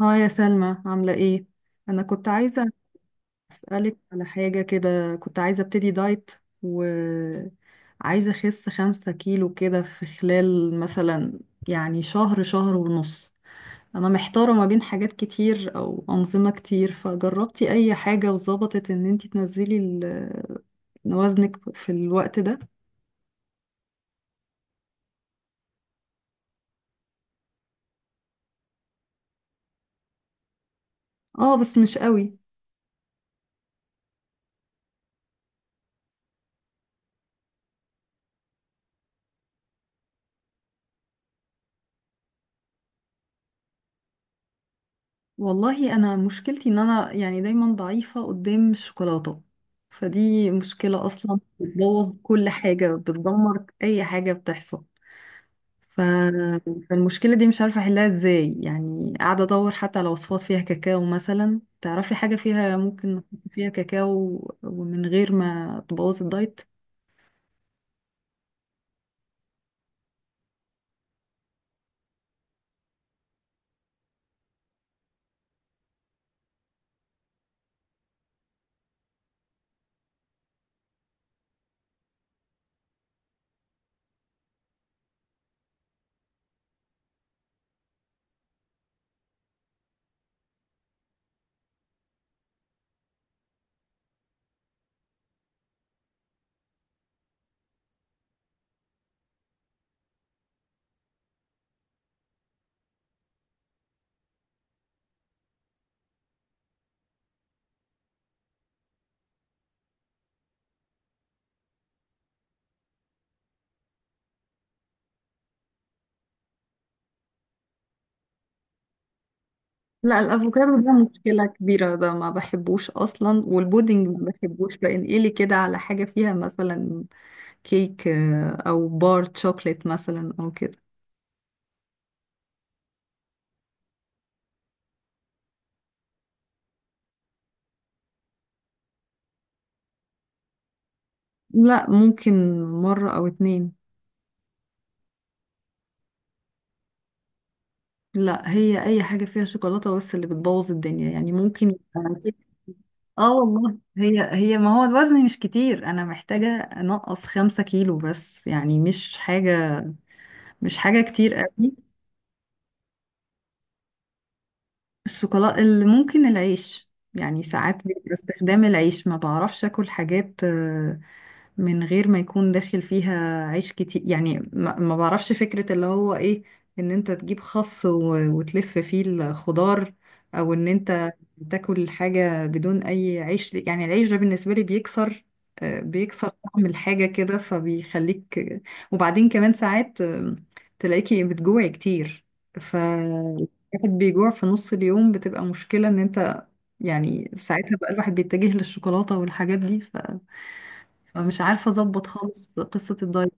اه، يا سلمى، عاملة ايه؟ أنا كنت عايزة أسألك على حاجة كده. كنت عايزة أبتدي دايت وعايزة أخس 5 كيلو كده في خلال مثلا يعني شهر، شهر ونص. أنا محتارة ما بين حاجات كتير أو أنظمة كتير. فجربتي أي حاجة وظبطت إن انتي تنزلي وزنك في الوقت ده؟ اه، بس مش قوي. والله انا مشكلتي ان انا يعني دايما ضعيفة قدام الشوكولاتة، فدي مشكلة اصلا، بتبوظ كل حاجة، بتدمر اي حاجة بتحصل. ف... فالمشكلة دي مش عارفة احلها ازاي، يعني قاعدة ادور حتى على وصفات فيها كاكاو مثلا. تعرفي حاجة فيها ممكن نحط فيها كاكاو ومن غير ما تبوظ الدايت؟ لا، الافوكادو ده مشكلة كبيرة، ده ما بحبوش اصلا، والبودنج ما بحبوش. فانقلي كده على حاجة فيها مثلا كيك، او بار شوكليت مثلا او كده. لا، ممكن مرة او اتنين. لا، هي اي حاجة فيها شوكولاتة بس اللي بتبوظ الدنيا، يعني ممكن يبقى كيك. اه والله، هي هي، ما هو الوزن مش كتير، انا محتاجة انقص 5 كيلو بس، يعني مش حاجة، مش حاجة كتير قوي. الشوكولاته، اللي ممكن العيش يعني ساعات بيبقى استخدام العيش. ما بعرفش اكل حاجات من غير ما يكون داخل فيها عيش كتير، يعني ما بعرفش فكرة اللي هو ايه، ان انت تجيب خس وتلف فيه الخضار، او ان انت تاكل حاجة بدون اي عيش. يعني العيش ده بالنسبة لي بيكسر، بيكسر طعم الحاجة كده فبيخليك. وبعدين كمان ساعات تلاقيكي بتجوعي كتير. الواحد بيجوع في نص اليوم، بتبقى مشكلة ان انت يعني ساعتها بقى الواحد بيتجه للشوكولاتة والحاجات دي، فمش عارفة اظبط خالص قصة الدايت.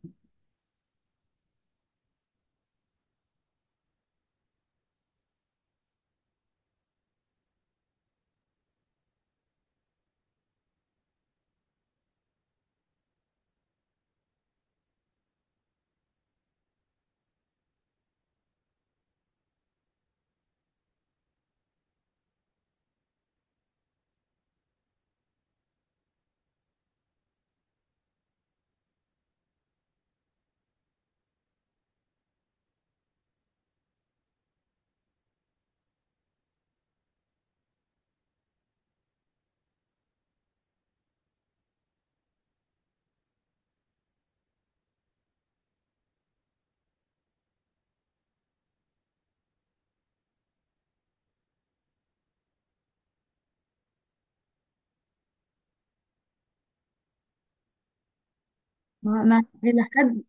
انا الى حد،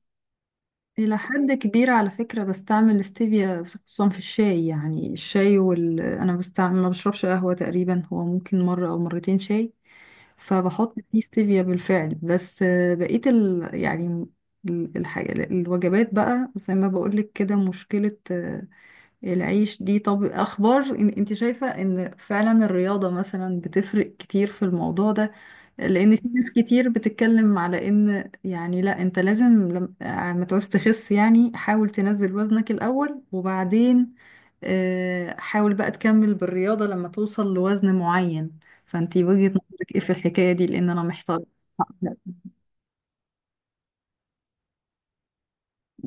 الى حد كبير على فكرة بستعمل الاستيفيا، خصوصا في الشاي. يعني الشاي وال، انا بستعمل، ما بشربش قهوة تقريبا، هو ممكن مرة او مرتين شاي، فبحط فيه ستيفيا بالفعل. بس بقية يعني الحاجة، الوجبات بقى زي ما بقولك كده مشكلة، العيش دي. طب اخبار إن انت شايفة ان فعلا الرياضة مثلا بتفرق كتير في الموضوع ده؟ لان في ناس كتير بتتكلم على ان يعني لا، انت لازم لما ما تعوز تخس يعني حاول تنزل وزنك الاول، وبعدين حاول بقى تكمل بالرياضة لما توصل لوزن معين. فانت وجهة نظرك ايه في الحكاية دي؟ لان انا محتار.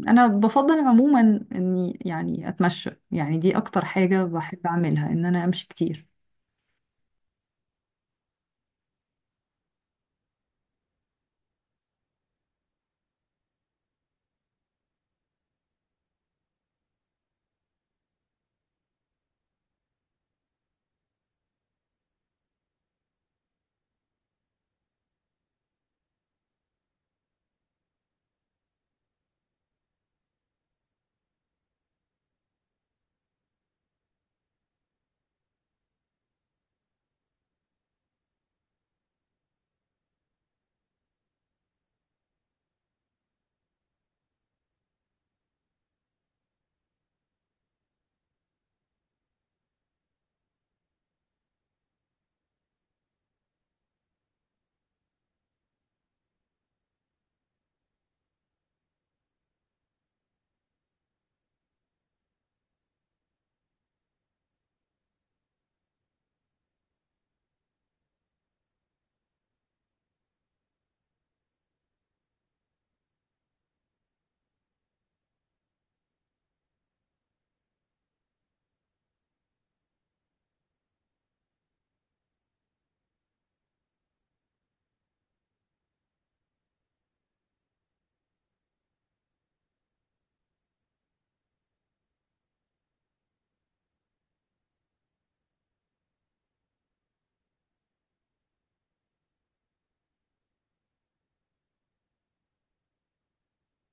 انا بفضل عموما اني يعني اتمشى، يعني دي اكتر حاجة بحب اعملها، ان انا امشي كتير.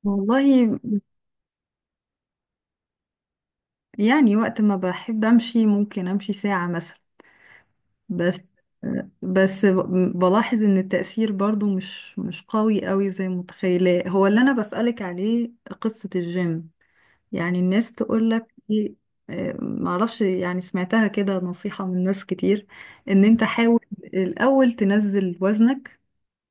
والله يعني وقت ما بحب امشي ممكن امشي ساعة مثلا. بس، بس بلاحظ ان التأثير برضو مش قوي قوي زي متخيلة. هو اللي انا بسألك عليه قصة الجيم. يعني الناس تقولك ايه؟ معرفش، يعني سمعتها كده نصيحة من ناس كتير، ان انت حاول الاول تنزل وزنك،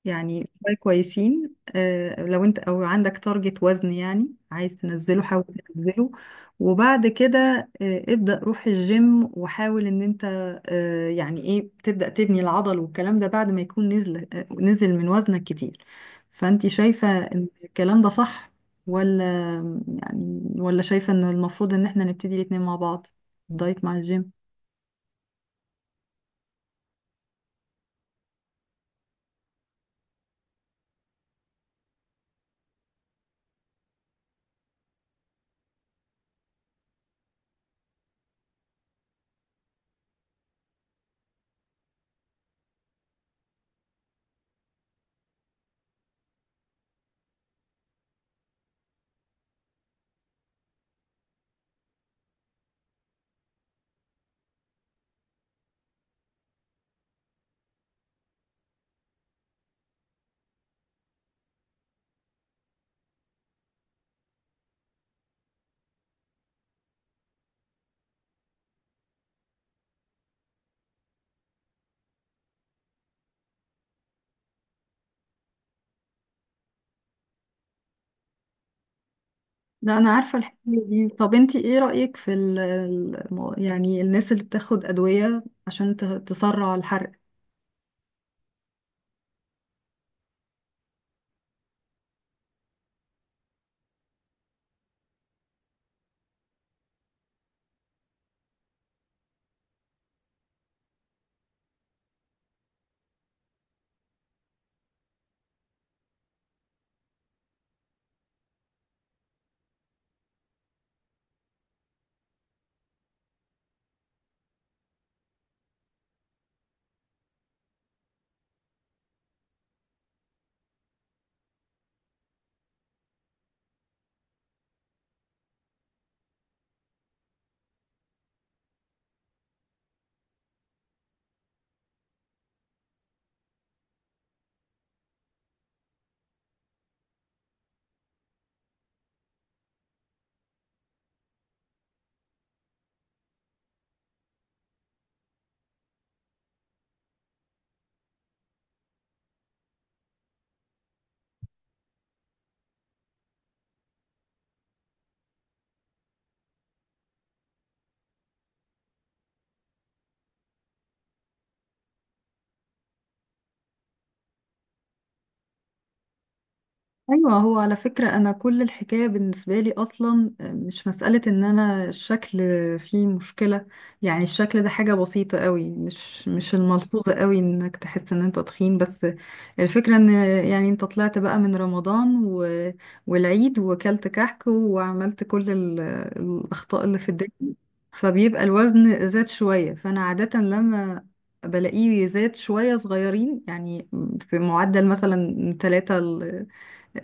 يعني شوية كويسين. لو انت او عندك تارجت وزن يعني عايز تنزله، حاول تنزله، وبعد كده ابدأ روح الجيم وحاول ان انت يعني ايه تبدأ تبني العضل والكلام ده، بعد ما يكون نزل، نزل من وزنك كتير. فانت شايفة ان الكلام ده صح، ولا يعني ولا شايفة ان المفروض ان احنا نبتدي الاتنين مع بعض، الدايت مع الجيم؟ لا انا عارفه الحكايه دي. طب انتي ايه رايك في يعني الناس اللي بتاخد ادويه عشان تسرع الحرق؟ ايوه، هو على فكره انا كل الحكايه بالنسبه لي اصلا مش مساله ان انا الشكل فيه مشكله. يعني الشكل ده حاجه بسيطه قوي، مش، مش الملحوظه قوي انك تحس ان انت تخين، بس الفكره ان يعني انت طلعت بقى من رمضان والعيد، وكلت كحك وعملت كل الاخطاء اللي في الدنيا، فبيبقى الوزن زاد شويه. فانا عاده لما بلاقيه زاد شوية صغيرين يعني، في معدل مثلا 3،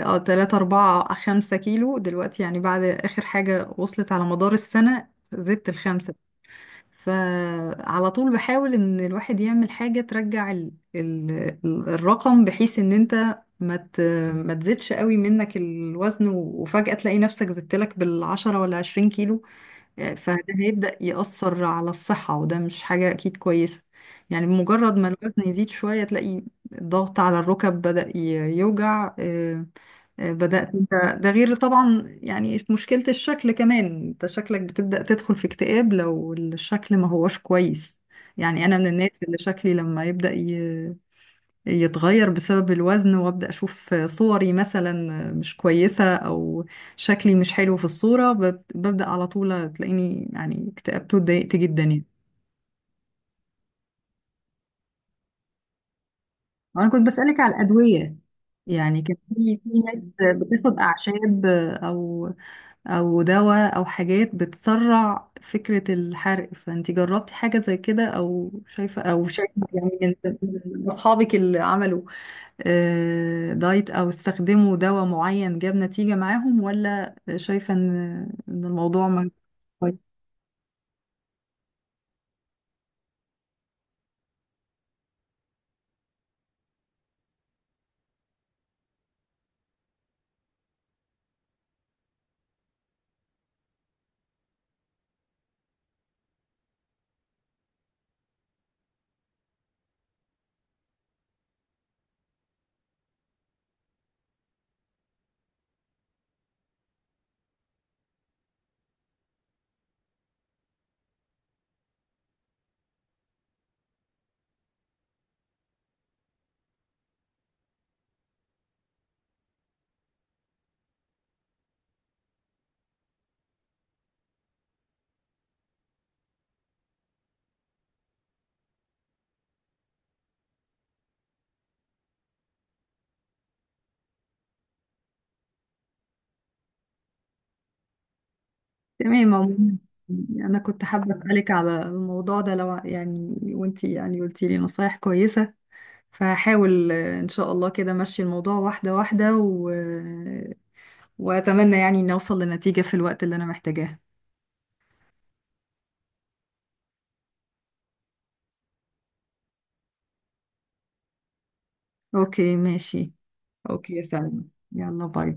اه تلاتة أربعة 5 كيلو دلوقتي، يعني بعد آخر حاجة وصلت على مدار السنة زدت الخمسة. فعلى طول بحاول إن الواحد يعمل حاجة ترجع ال، ال الرقم، بحيث إن أنت ما تزيدش قوي منك الوزن، وفجأة تلاقي نفسك زدت لك بالـ10 ولا 20 كيلو يعني. فده هيبدأ يأثر على الصحة، وده مش حاجة أكيد كويسة. يعني بمجرد ما الوزن يزيد شوية، تلاقي الضغط على الركب بدأ يوجع، بدأت انت. ده غير طبعا يعني مشكلة الشكل كمان. انت شكلك بتبدأ تدخل في اكتئاب لو الشكل ما هواش كويس. يعني أنا من الناس اللي شكلي لما يبدأ يتغير بسبب الوزن، وابدا اشوف صوري مثلا مش كويسه، او شكلي مش حلو في الصوره، ببدا على طول تلاقيني يعني اكتئبت واتضايقت جدا يعني. انا كنت بسالك على الادويه. يعني كان في ناس بتاخد اعشاب او او دواء او حاجات بتسرع فكره الحرق. فانت جربتي حاجه زي كده، او شايفه، او شايفه يعني من، من اصحابك اللي عملوا دايت او استخدموا دواء معين جاب نتيجة معاهم، ولا شايفة ان إن الموضوع ما. طيب. تمام عموماً. انا كنت حابة اسألك على الموضوع ده. لو يعني وانتي يعني قلتي لي نصايح كويسة، فهحاول ان شاء الله كده ماشي الموضوع واحدة واحدة واتمنى يعني ان اوصل لنتيجة في الوقت اللي انا محتاجاه. اوكي ماشي. اوكي يا سلمى، يلا باي.